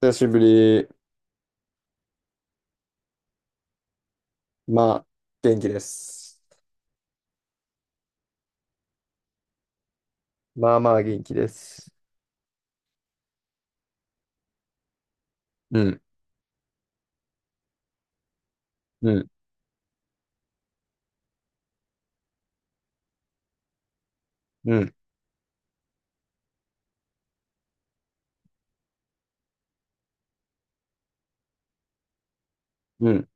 久しぶり。まあ、元気です。まあまあ元気です。うん、うん、うん、うん。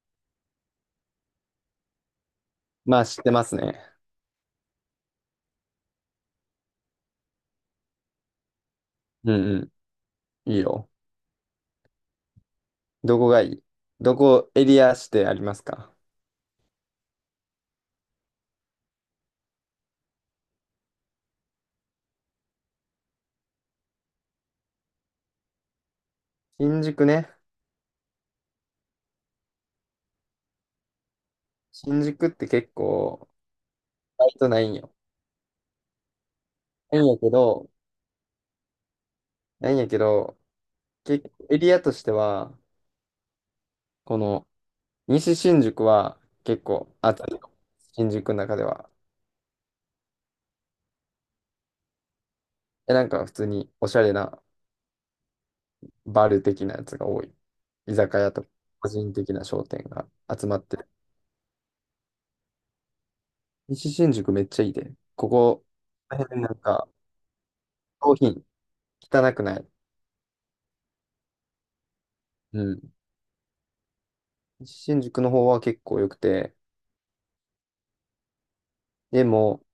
まあ、知ってますね。うん、うん、いいよ。どこがいい？どこエリアしてありますか？新宿ね。新宿って結構、バイトないんよ。ないんやけど、ないんやけど、結構エリアとしては、この西新宿は結構あったよ。新宿の中では。なんか普通におしゃれなバル的なやつが多い。居酒屋とか、個人的な商店が集まってる。西新宿めっちゃいいで。ここ、この辺なんか、商品、汚くない。うん。西新宿の方は結構良くて、でも、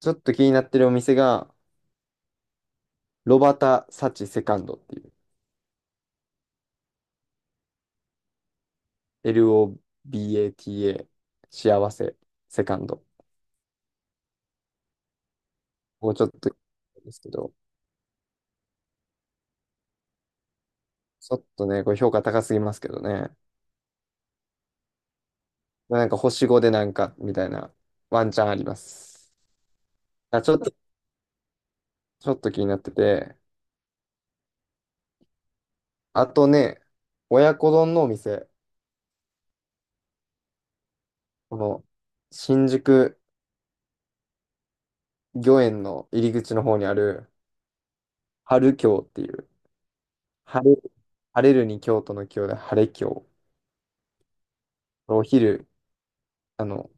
ちょっと気になってるお店が、ロバタ・サチ・セカンドっていう、LOBATA、幸せ、セカンド。もうちょっと、ですけど、ちょっとね、これ評価高すぎますけどね。なんか星5でなんか、みたいな、ワンチャンあります。あ、ちょっと、ちょっと気になってて。あとね、親子丼のお店。この、新宿御苑の入り口の方にある、春京っていう、晴れ、晴れるに京都の京で晴れ京。お昼、あの、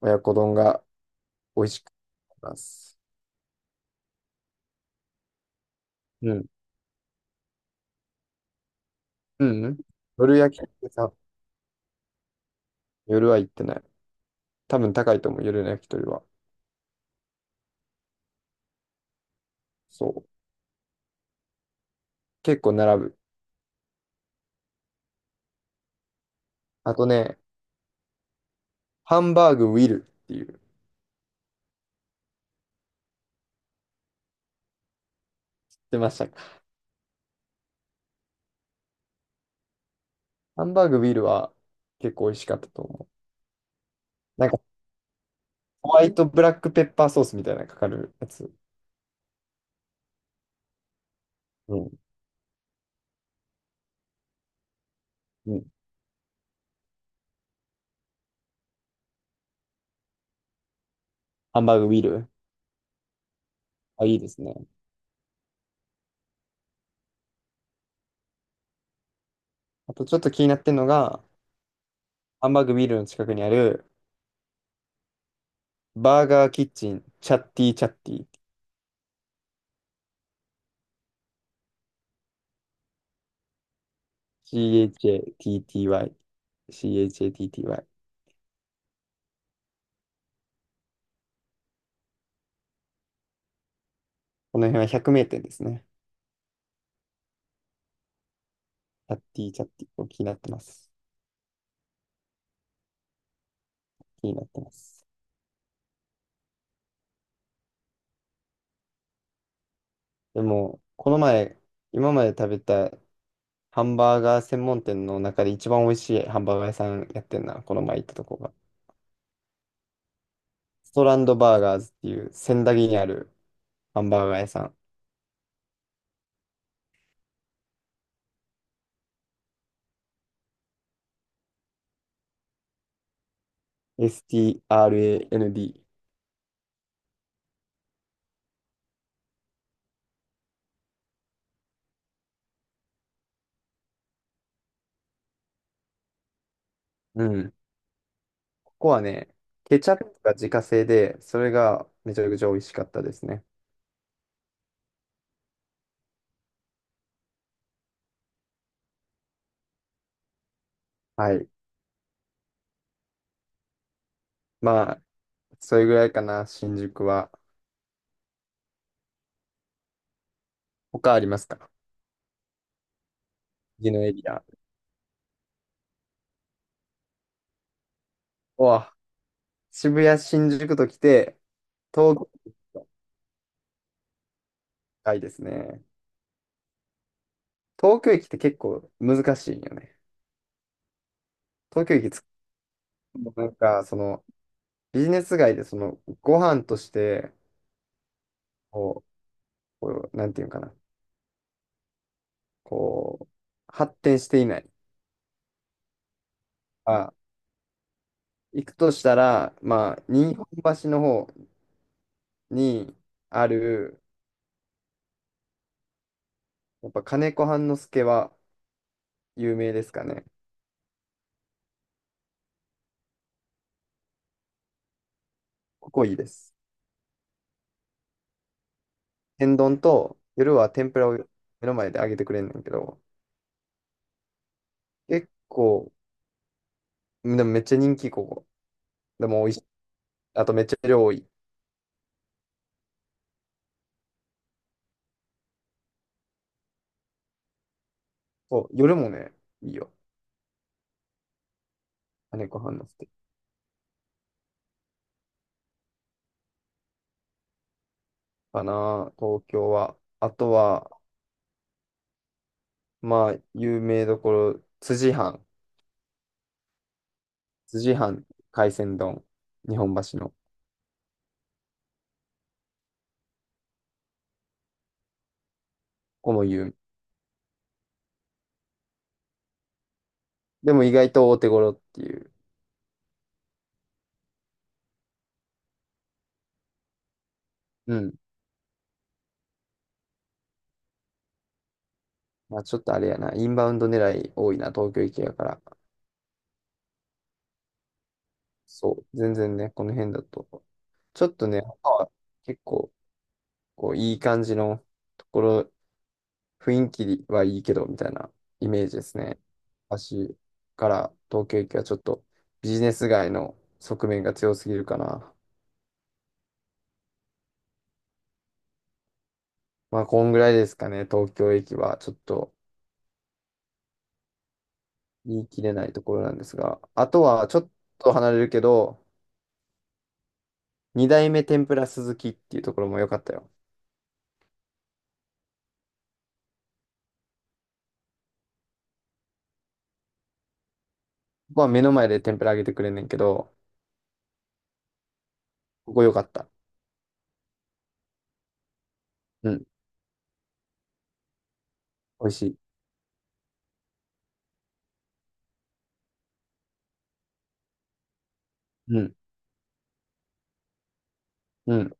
親子丼が美味しくなります。うん。うんうん。夜焼き鳥さ、夜は行ってない。多分高いと思う、夜の焼き鳥は。そう。結構並ぶ。あとね、ハンバーグウィルっていう、出ましたか？ハンバーグビールは結構美味しかったと思う。なんかホワイトブラックペッパーソースみたいなのかかるやつ。うん。うん。ハンバーグビール。あ、いいですね。あとちょっと気になってるのが、ハンバーグビールの近くにある、バーガーキッチン、チャッティチャッティ。CHATTY。CHATTY。この辺は100名店ですね。チャッティチャッティ。こう気になってます。気になってます。でも、この前、今まで食べたハンバーガー専門店の中で一番美味しいハンバーガー屋さんやってんな、この前行ったとこが。ストランドバーガーズっていう仙台にあるハンバーガー屋さん。STRAND。うん。ここはね、ケチャップが自家製で、それがめちゃくちゃ美味しかったですね。はい。まあ、それぐらいかな、新宿は。他ありますか？次のエリア。うわ、渋谷、新宿と来て、東京駅と近いですね。東京駅って結構難しいんよね。東京駅もうなんか、その、ビジネス街で、その、ご飯として、こう、こうなんていうのかな、こう、発展していない。あ、行くとしたら、まあ、日本橋の方にある、やっぱ金子半之助は有名ですかね。ここいいです。天丼と、夜は天ぷらを目の前で揚げてくれんねんけど、結構、でもめっちゃ人気、ここ。でも美味しい。あとめっちゃ量多い。そう、夜もね、いいよ。金子半之助。かな、東京は。あとは、まあ、有名どころ、辻藩。辻藩海鮮丼。日本橋の。ここも有名。でも意外と大手頃っていう。うん。まあ、ちょっとあれやな。インバウンド狙い多いな、東京行きやから。そう。全然ね、この辺だと。ちょっとね、他は結構、こう、いい感じのところ雰囲気はいいけど、みたいなイメージですね。私から東京駅はちょっとビジネス街の側面が強すぎるかな。まあ、こんぐらいですかね、東京駅は。ちょっと言い切れないところなんですが。あとは、ちょっと離れるけど、二代目天ぷら鈴木っていうところも良かったよ。ここは目の前で天ぷら揚げてくれんねんけど、ここ良かった。うん、美味しい。うん、うん、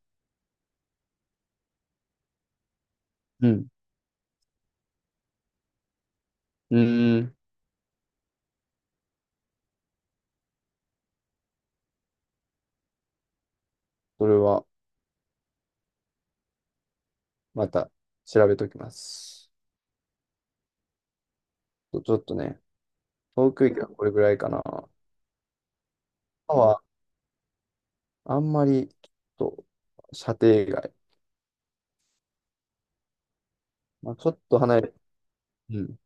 うん、うーん。それは、また調べときます。ちょっとね、航空機はこれぐらいかな。歯は、あんまり、ちょっと、射程外。まあ、ちょっと離れ、うん。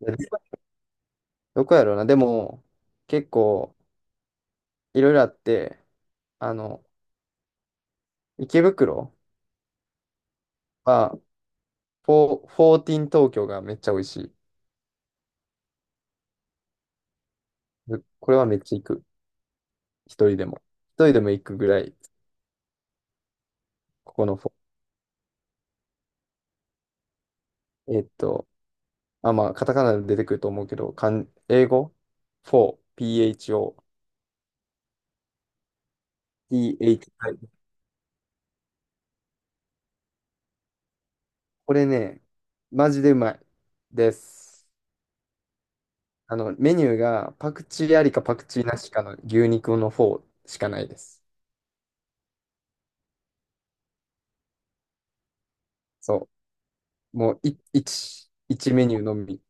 で、どこやろうな。でも、結構、いろいろあって、あの、池袋は、フォーティーン東京がめっちゃ美味しい。で、これはめっちゃ行く。一人でも。一人でも行くぐらい、ここのフォー、まあ、カタカナで出てくると思うけど、漢英語 ?4、PHO、THI これね、マジでうまいです。メニューがパクチーありかパクチーなしかの牛肉の方しかないです。そう。もう、一メニューのみ。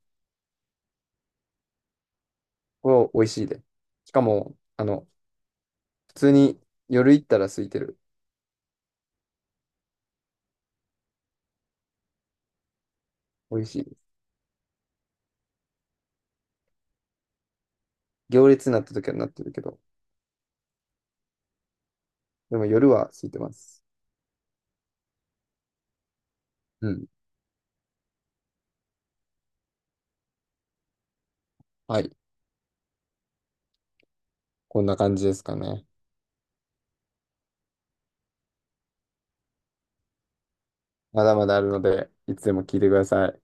これ美味しいで。しかも、普通に夜行ったら空いてる。美味しいです。行列になった時はなってるけど、でも夜は空いてます。うん。はい。こんな感じですかね。まだまだあるので、いつでも聞いてください。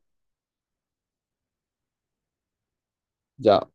じゃあ。